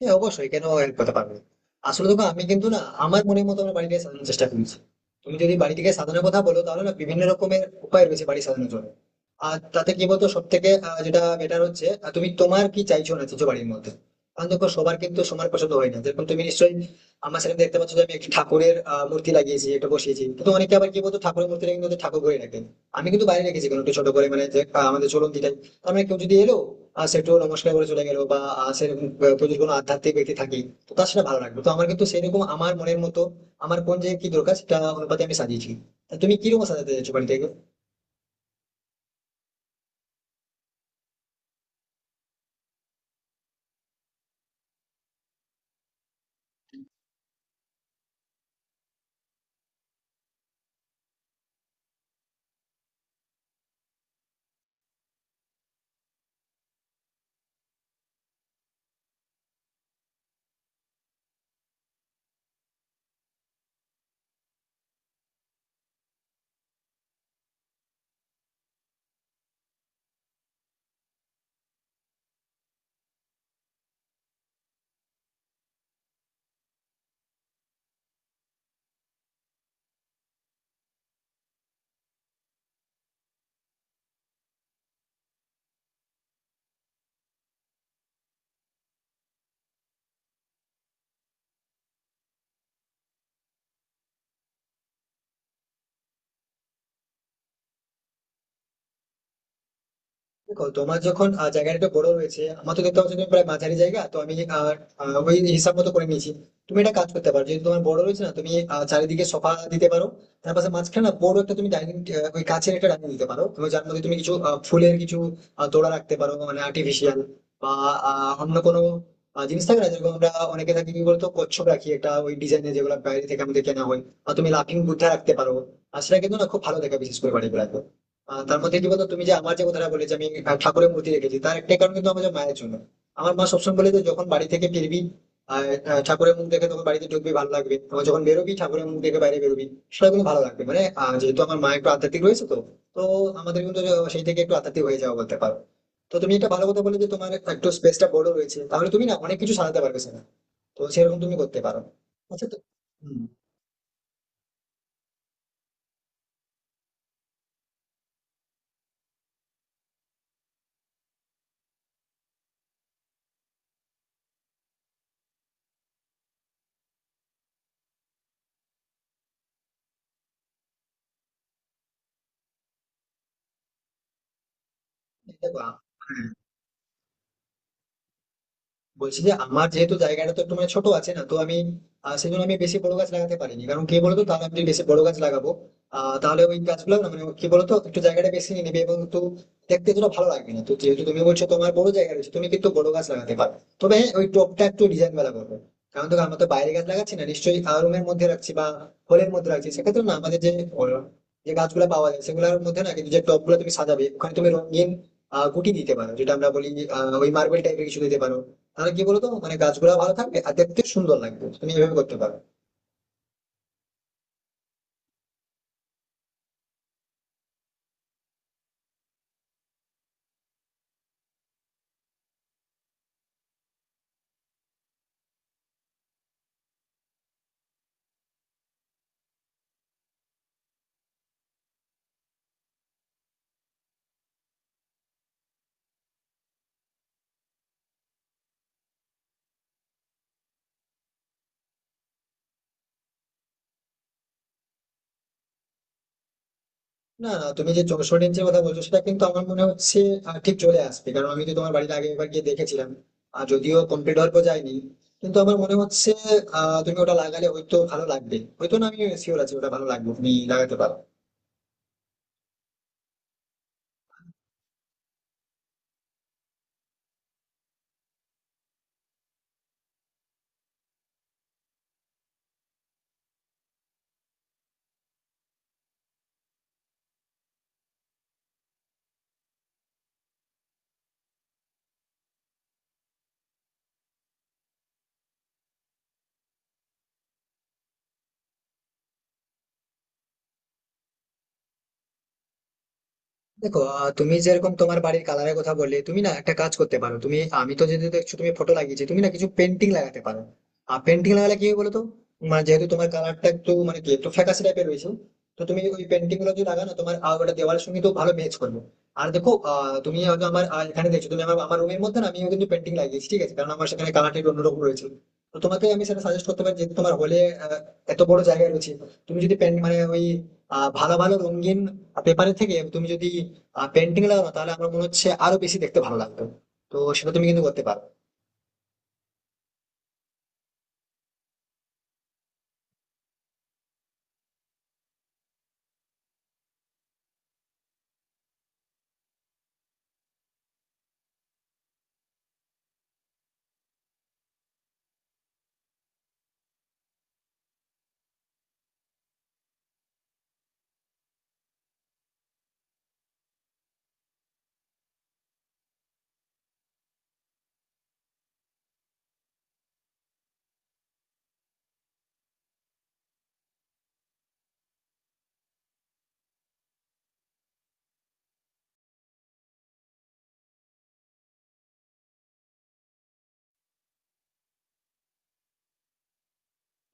হ্যাঁ, অবশ্যই। কেন হেল্প করতে পারবে না? আসলে দেখো, আমি কিন্তু না আমার মনের মতো আমার বাড়িটাকে সাজানোর চেষ্টা করছি। তুমি যদি বাড়িটিকে সাজানোর কথা বলো তাহলে না, বিভিন্ন রকমের উপায় রয়েছে বাড়ি সাজানোর জন্য। আর তাতে কি বলতো, সব থেকে যেটা বেটার হচ্ছে, তুমি তোমার কি চাইছো না চাইছো বাড়ির মধ্যে। কারণ দেখো, সবার কিন্তু সমান পছন্দ হয় না। যেরকম তুমি নিশ্চয়ই আমার সামনে দেখতে পাচ্ছ যে আমি একটি ঠাকুরের মূর্তি লাগিয়েছি, একটা বসিয়েছি। কিন্তু অনেকে আবার কি বলতো, ঠাকুরের মূর্তিটা কিন্তু ওদের ঠাকুর ঘরে রাখেন। আমি কিন্তু বাইরে রেখেছি কোনো একটু ছোট করে, মানে যে, আমাদের চলন যেটা, তার মানে কেউ যদি এলো, সে একটু নমস্কার করে চলে গেলো। বা সেরকম কেউ যদি কোনো আধ্যাত্মিক ব্যক্তি থাকে তো তার সেটা ভালো লাগবে। তো আমার কিন্তু সেরকম আমার মনের মতো, আমার কোন জায়গায় কি দরকার সেটা অনুপাতে আমি সাজিয়েছি। তা তুমি কিরকম সাজাতে চাইছো বাড়িতে? দেখো, তোমার যখন জায়গাটা একটু বড় রয়েছে, আমার তো দেখতে পাচ্ছ তুমি, প্রায় মাঝারি জায়গা। তো আমি আহ, আহ, ওই হিসাব মতো করে নিয়েছি। তুমি একটা কাজ করতে পারো, যেহেতু তোমার বড় রয়েছে না, তুমি চারিদিকে সোফা দিতে পারো। তার পাশে মাঝখানে না বড় একটা তুমি ডাইনিং, ওই কাছের একটা ডাইনিং দিতে পারো, তুমি যার মধ্যে তুমি কিছু ফুলের কিছু তোড়া রাখতে পারো, মানে আর্টিফিশিয়াল বা অন্য কোনো জিনিস থাকে না, যেরকম আমরা অনেকে থাকি কি বলতো, কচ্ছপ রাখি একটা ওই ডিজাইনের, যেগুলো বাইরে থেকে আমাদের কেনা হয়। আর তুমি লাফিং বুদ্ধা রাখতে পারো, আর সেটা কিন্তু না খুব ভালো দেখা বিশেষ করে বাড়ি বেড়াতে। তার মধ্যে কি বলতো, তুমি যে আমার যে কথাটা বলে, যে আমি ঠাকুরের মূর্তি রেখেছি, তার একটা কারণ কিন্তু আমাদের মায়ের জন্য। আমার মা সবসময় বলে যে যখন বাড়ি থেকে ফিরবি আর ঠাকুরের মুখ দেখে তখন বাড়িতে ঢুকবি, ভালো লাগবে। তখন যখন বেরোবি ঠাকুরের মুখ দেখে বাইরে বেরোবি, সেটা কিন্তু ভালো লাগবে। মানে যেহেতু আমার মা একটু আধ্যাত্মিক রয়েছে, তো তো আমাদের কিন্তু সেই থেকে একটু আধ্যাত্মিক হয়ে যাওয়া বলতে পারো। তো তুমি একটা ভালো কথা বলে যে তোমার একটু স্পেসটা বড় রয়েছে, তাহলে তুমি না অনেক কিছু সাজাতে পারবে সেখানে। তো সেরকম তুমি করতে পারো। আচ্ছা তো। হম। দেখো হ্যাঁ, বলছি যে আমার যেহেতু জায়গাটা তো একটু মানে ছোট আছে না, তো আমি সেই জন্য আমি বেশি বড় গাছ লাগাতে পারিনি। কারণ কি বলতো, তাহলে আমি যদি বেশি বড় গাছ লাগাবো তাহলে ওই গাছগুলো না মানে কি বলতো একটু জায়গাটা বেশি নিয়ে নেবে এবং একটু দেখতে যেন ভালো লাগবে না। তো যেহেতু তুমি বলছো তোমার বড় জায়গা রয়েছে, তুমি কিন্তু বড় গাছ লাগাতে পারো। তবে হ্যাঁ, ওই টবটা একটু ডিজাইন বেলা করবে। কারণ দেখো, আমরা তো বাইরে গাছ লাগাচ্ছি না নিশ্চয়ই, রুমের মধ্যে রাখছি বা হলের মধ্যে রাখছি। সেক্ষেত্রে না আমাদের যে যে গাছগুলো পাওয়া যায়, সেগুলোর মধ্যে না, কিন্তু যে টব গুলো তুমি সাজাবে ওখানে তুমি রঙিন গুটি দিতে পারো, যেটা আমরা বলি ওই মার্বেল টাইপের কিছু দিতে পারো। তাহলে কি বলতো মানে গাছগুলা ভালো থাকবে আর দেখতে সুন্দর লাগবে, তুমি এভাবে করতে পারো। না না, তুমি যে 64 ইঞ্চের কথা বলছো সেটা কিন্তু আমার মনে হচ্ছে ঠিক চলে আসবে। কারণ আমি তো তোমার বাড়িতে আগে একবার গিয়ে দেখেছিলাম, আর যদিও কমপ্লিট হওয়ার পর যায়নি, কিন্তু আমার মনে হচ্ছে তুমি ওটা লাগালে হয়তো ভালো লাগবে। হয়তো না, আমি শিওর আছি ওটা ভালো লাগবে, তুমি লাগাতে পারো। দেখো তুমি যেরকম তোমার বাড়ির কালারের কথা বললে, তুমি না একটা কাজ করতে পারো। তুমি, আমি তো যেহেতু দেখছো তুমি ফটো লাগিয়েছি, তুমি না কিছু পেন্টিং লাগাতে পারো। আর পেন্টিং লাগালে কি হয় বলতো, মানে যেহেতু তোমার কালারটা একটু মানে কি একটু ফ্যাকাশে টাইপের রয়েছে, তো তুমি ওই পেন্টিং গুলো যদি লাগানো, তোমার ওটা দেওয়ালের সঙ্গে তো ভালো ম্যাচ করবে। আর দেখো তুমি হয়তো আমার এখানে দেখছো তুমি, আমার আমার রুমের মধ্যে না আমি কিন্তু পেন্টিং লাগিয়েছি, ঠিক আছে, কারণ আমার সেখানে কালারটা একটু অন্যরকম রয়েছে। তো তোমাকে আমি সেটা সাজেস্ট করতে পারি, যেহেতু তোমার হলে এত বড় জায়গা রয়েছে, তুমি যদি পেন মানে ওই ভালো ভালো রঙিন পেপারের থেকে তুমি যদি পেন্টিং লাগানো তাহলে আমার মনে হচ্ছে আরো বেশি দেখতে ভালো লাগতো। তো সেটা তুমি কিন্তু করতে পারো।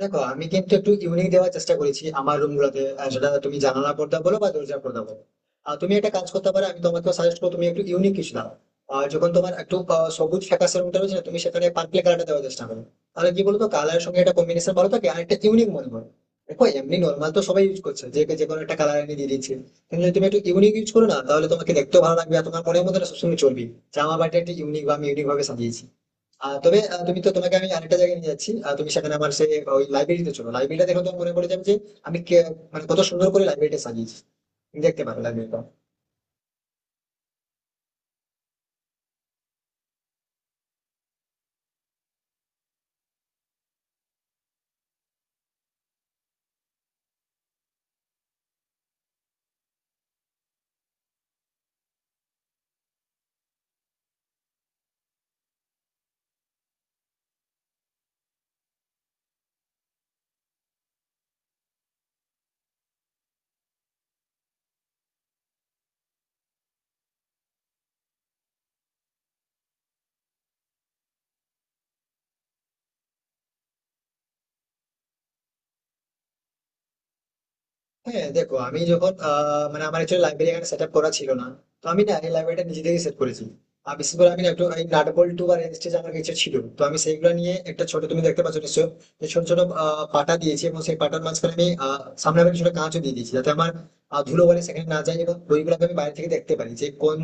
দেখো, আমি কিন্তু একটু ইউনিক দেওয়ার চেষ্টা করেছি আমার রুম গুলোতে, সেটা তুমি জানালা পর্দা বলো বা দরজা পর্দা বলো। আর তুমি একটা কাজ করতে পারো, আমি তোমাকে সাজেস্ট করবো তুমি একটু ইউনিক কিছু দাও। আর যখন তোমার একটু সবুজ ফ্যাকাশে রুমটা রয়েছে না, তুমি সেখানে পার্পল কালারটা দেওয়ার চেষ্টা করো। তাহলে কি বলতো, কালারের সঙ্গে একটা কম্বিনেশন ভালো থাকে আর একটা ইউনিক মনে হয়। দেখো এমনি নর্মাল তো সবাই ইউজ করছে, যে যে কোনো একটা কালার এনে দিয়ে দিচ্ছে। কিন্তু যদি তুমি একটু ইউনিক ইউজ করো না, তাহলে তোমাকে দেখতেও ভালো লাগবে আর তোমার মনের মধ্যে না সবসময় চলবে যে আমার বাড়িটা একটা ইউনিক বা আমি ইউনিক ভাবে সাজিয়েছি। তবে তুমি তো, তোমাকে আমি আরেকটা জায়গায় নিয়ে যাচ্ছি। তুমি সেখানে আমার সেই ওই লাইব্রেরিতে চলো, লাইব্রেরিটা দেখো তো মনে পড়ে যাবে যে আমি কে- মানে কত সুন্দর করে লাইব্রেরিটা সাজিয়েছি। তুমি দেখতে পারো লাইব্রেরিটা। হ্যাঁ দেখো, আমি যখন মানে আমার একচুয়ালি লাইব্রেরি এখানে সেট আপ করা ছিল না। তো আমি না এই লাইব্রেরিটা নিজে থেকে সেট করেছি। আর বিশেষ করে আমি না একটু এই নাট বল্টু বা রেঞ্জ আমার কাছে ছিল, তো আমি সেইগুলো নিয়ে একটা ছোট, তুমি দেখতে পাচ্ছ নিশ্চয়, যে ছোট ছোট পাটা দিয়েছি। এবং সেই পাটার মাঝখানে আমি সামনে আমি ছোট কাঁচও দিয়ে দিয়েছি যাতে আমার ধুলো বলে সেখানে না যায় এবং বইগুলোকে আমি বাইরে থেকে দেখতে পারি যে কোন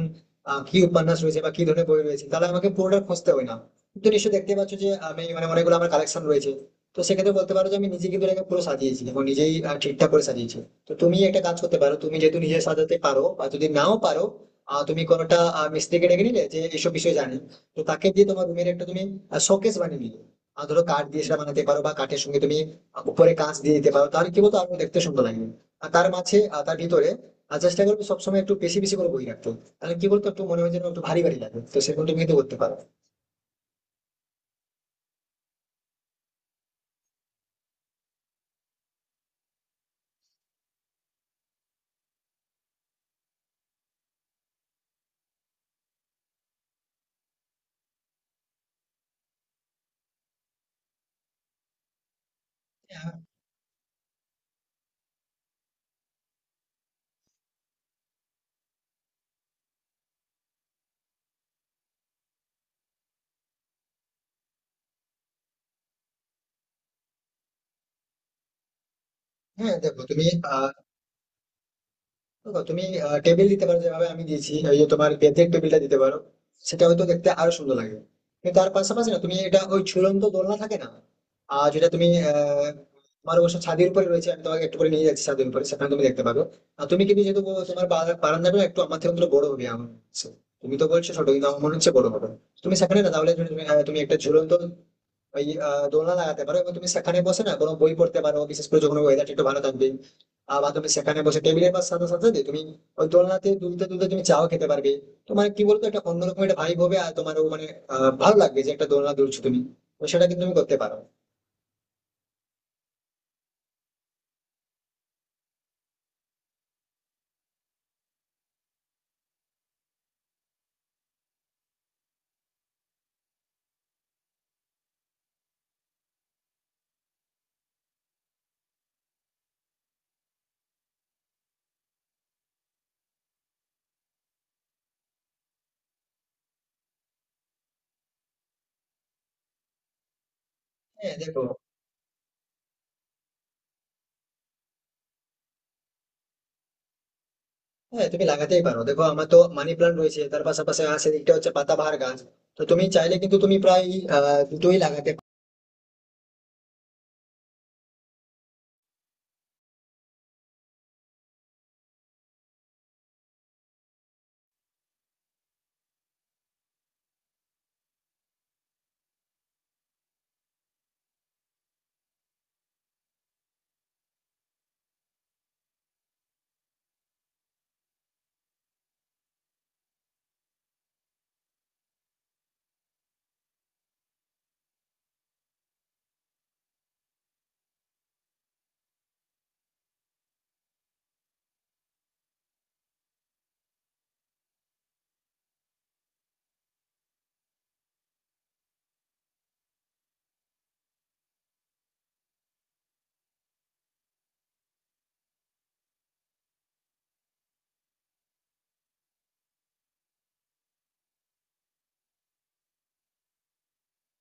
কি উপন্যাস রয়েছে বা কি ধরনের বই রয়েছে, তাহলে আমাকে পুরোটা খুঁজতে হয় না। তুমি তো নিশ্চয়ই দেখতে পাচ্ছ যে আমি মানে অনেকগুলো আমার কালেকশন রয়েছে। তো সেক্ষেত্রে বলতে পারো যে আমি নিজে কিন্তু এটাকে পুরো সাজিয়েছি এবং নিজেই ঠিকঠাক করে সাজিয়েছি। তো তুমি একটা কাজ করতে পারো, তুমি যেহেতু নিজে সাজাতে পারো বা যদি নাও পারো তুমি কোনোটা মিস্ত্রিকে ডেকে নিলে যে এইসব বিষয় জানে, তো তাকে দিয়ে তোমার রুমের একটা তুমি শোকেস বানিয়ে নিলে। আর ধরো কাঠ দিয়ে সেটা বানাতে পারো বা কাঠের সঙ্গে তুমি উপরে কাঁচ দিয়ে দিতে পারো, তাহলে কি বলতো আরো দেখতে সুন্দর লাগবে। আর তার মাঝে তার ভিতরে আর চেষ্টা করবে সবসময় একটু বেশি বেশি করে বই রাখতো। তাহলে কি বলতো একটু মনে হয় যেন একটু ভারী ভারী লাগে, তো সেরকম তুমি কিন্তু করতে পারো। হ্যাঁ হ্যাঁ, আহ দেখো তুমি টেবিল দিতে পারো যেভাবে আমি দিয়েছি, ওই যে তোমার বেতের টেবিলটা দিতে পারো, সেটা হয়তো দেখতে আরো সুন্দর লাগে। কিন্তু তার পাশাপাশি না, তুমি এটা ওই ঝুলন্ত দোলনা থাকে না, আর যেটা তুমি তোমার অবশ্য ছাদের উপরে রয়েছে, আমি তোমাকে একটু করে নিয়ে যাচ্ছি ছাদের উপরে, সেখানে তুমি দেখতে পাবে। আর তুমি কিন্তু যেহেতু বলো তোমার বারান্দাটা একটু আমার থেকে অন্তত বড় হবে আমার মনে হচ্ছে। তুমি তো বলছো ছোট, কিন্তু আমার মনে হচ্ছে বড় হবে। তুমি সেখানে না তাহলে তুমি তুমি একটা ঝুলন্ত ওই দোলনা লাগাতে পারো এবং তুমি সেখানে বসে না কোনো বই পড়তে পারো, বিশেষ করে যখন ওয়েদারটা একটু ভালো থাকবে। বা তুমি সেখানে বসে টেবিলের বা সাথে সাথে তুমি ওই দোলনাতে দুলতে দুলতে তুমি চাও খেতে পারবে। তো মানে কি বলতো একটা অন্যরকম একটা ভাইব হবে, আর তোমারও মানে ভালো লাগবে যে একটা দোলনা দুলছো তুমি। তো সেটা কিন্তু তুমি করতে পারো। হ্যাঁ দেখো, হ্যাঁ তুমি লাগাতেই পারো। দেখো, আমার তো মানি প্লান্ট রয়েছে, তার পাশাপাশি আর সেদিকটা হচ্ছে পাতাবাহার গাছ। তো তুমি চাইলে কিন্তু তুমি প্রায় আহ দুটোই লাগাতে।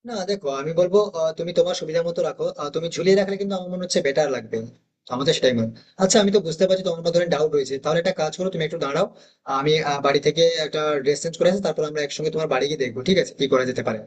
না দেখো, আমি বলবো তুমি তোমার সুবিধা মতো রাখো। তুমি ঝুলিয়ে রাখলে কিন্তু আমার মনে হচ্ছে বেটার লাগবে, তো আমাদের সেটাই মনে হয়। আচ্ছা আমি তো বুঝতে পারছি তোমার মধ্যে ডাউট রয়েছে, তাহলে একটা কাজ করো, তুমি একটু দাঁড়াও। আমি বাড়ি থেকে একটা ড্রেস চেঞ্জ করে আসি, তারপর আমরা একসঙ্গে তোমার বাড়ি গিয়ে দেখবো ঠিক আছে কি করা যেতে পারে।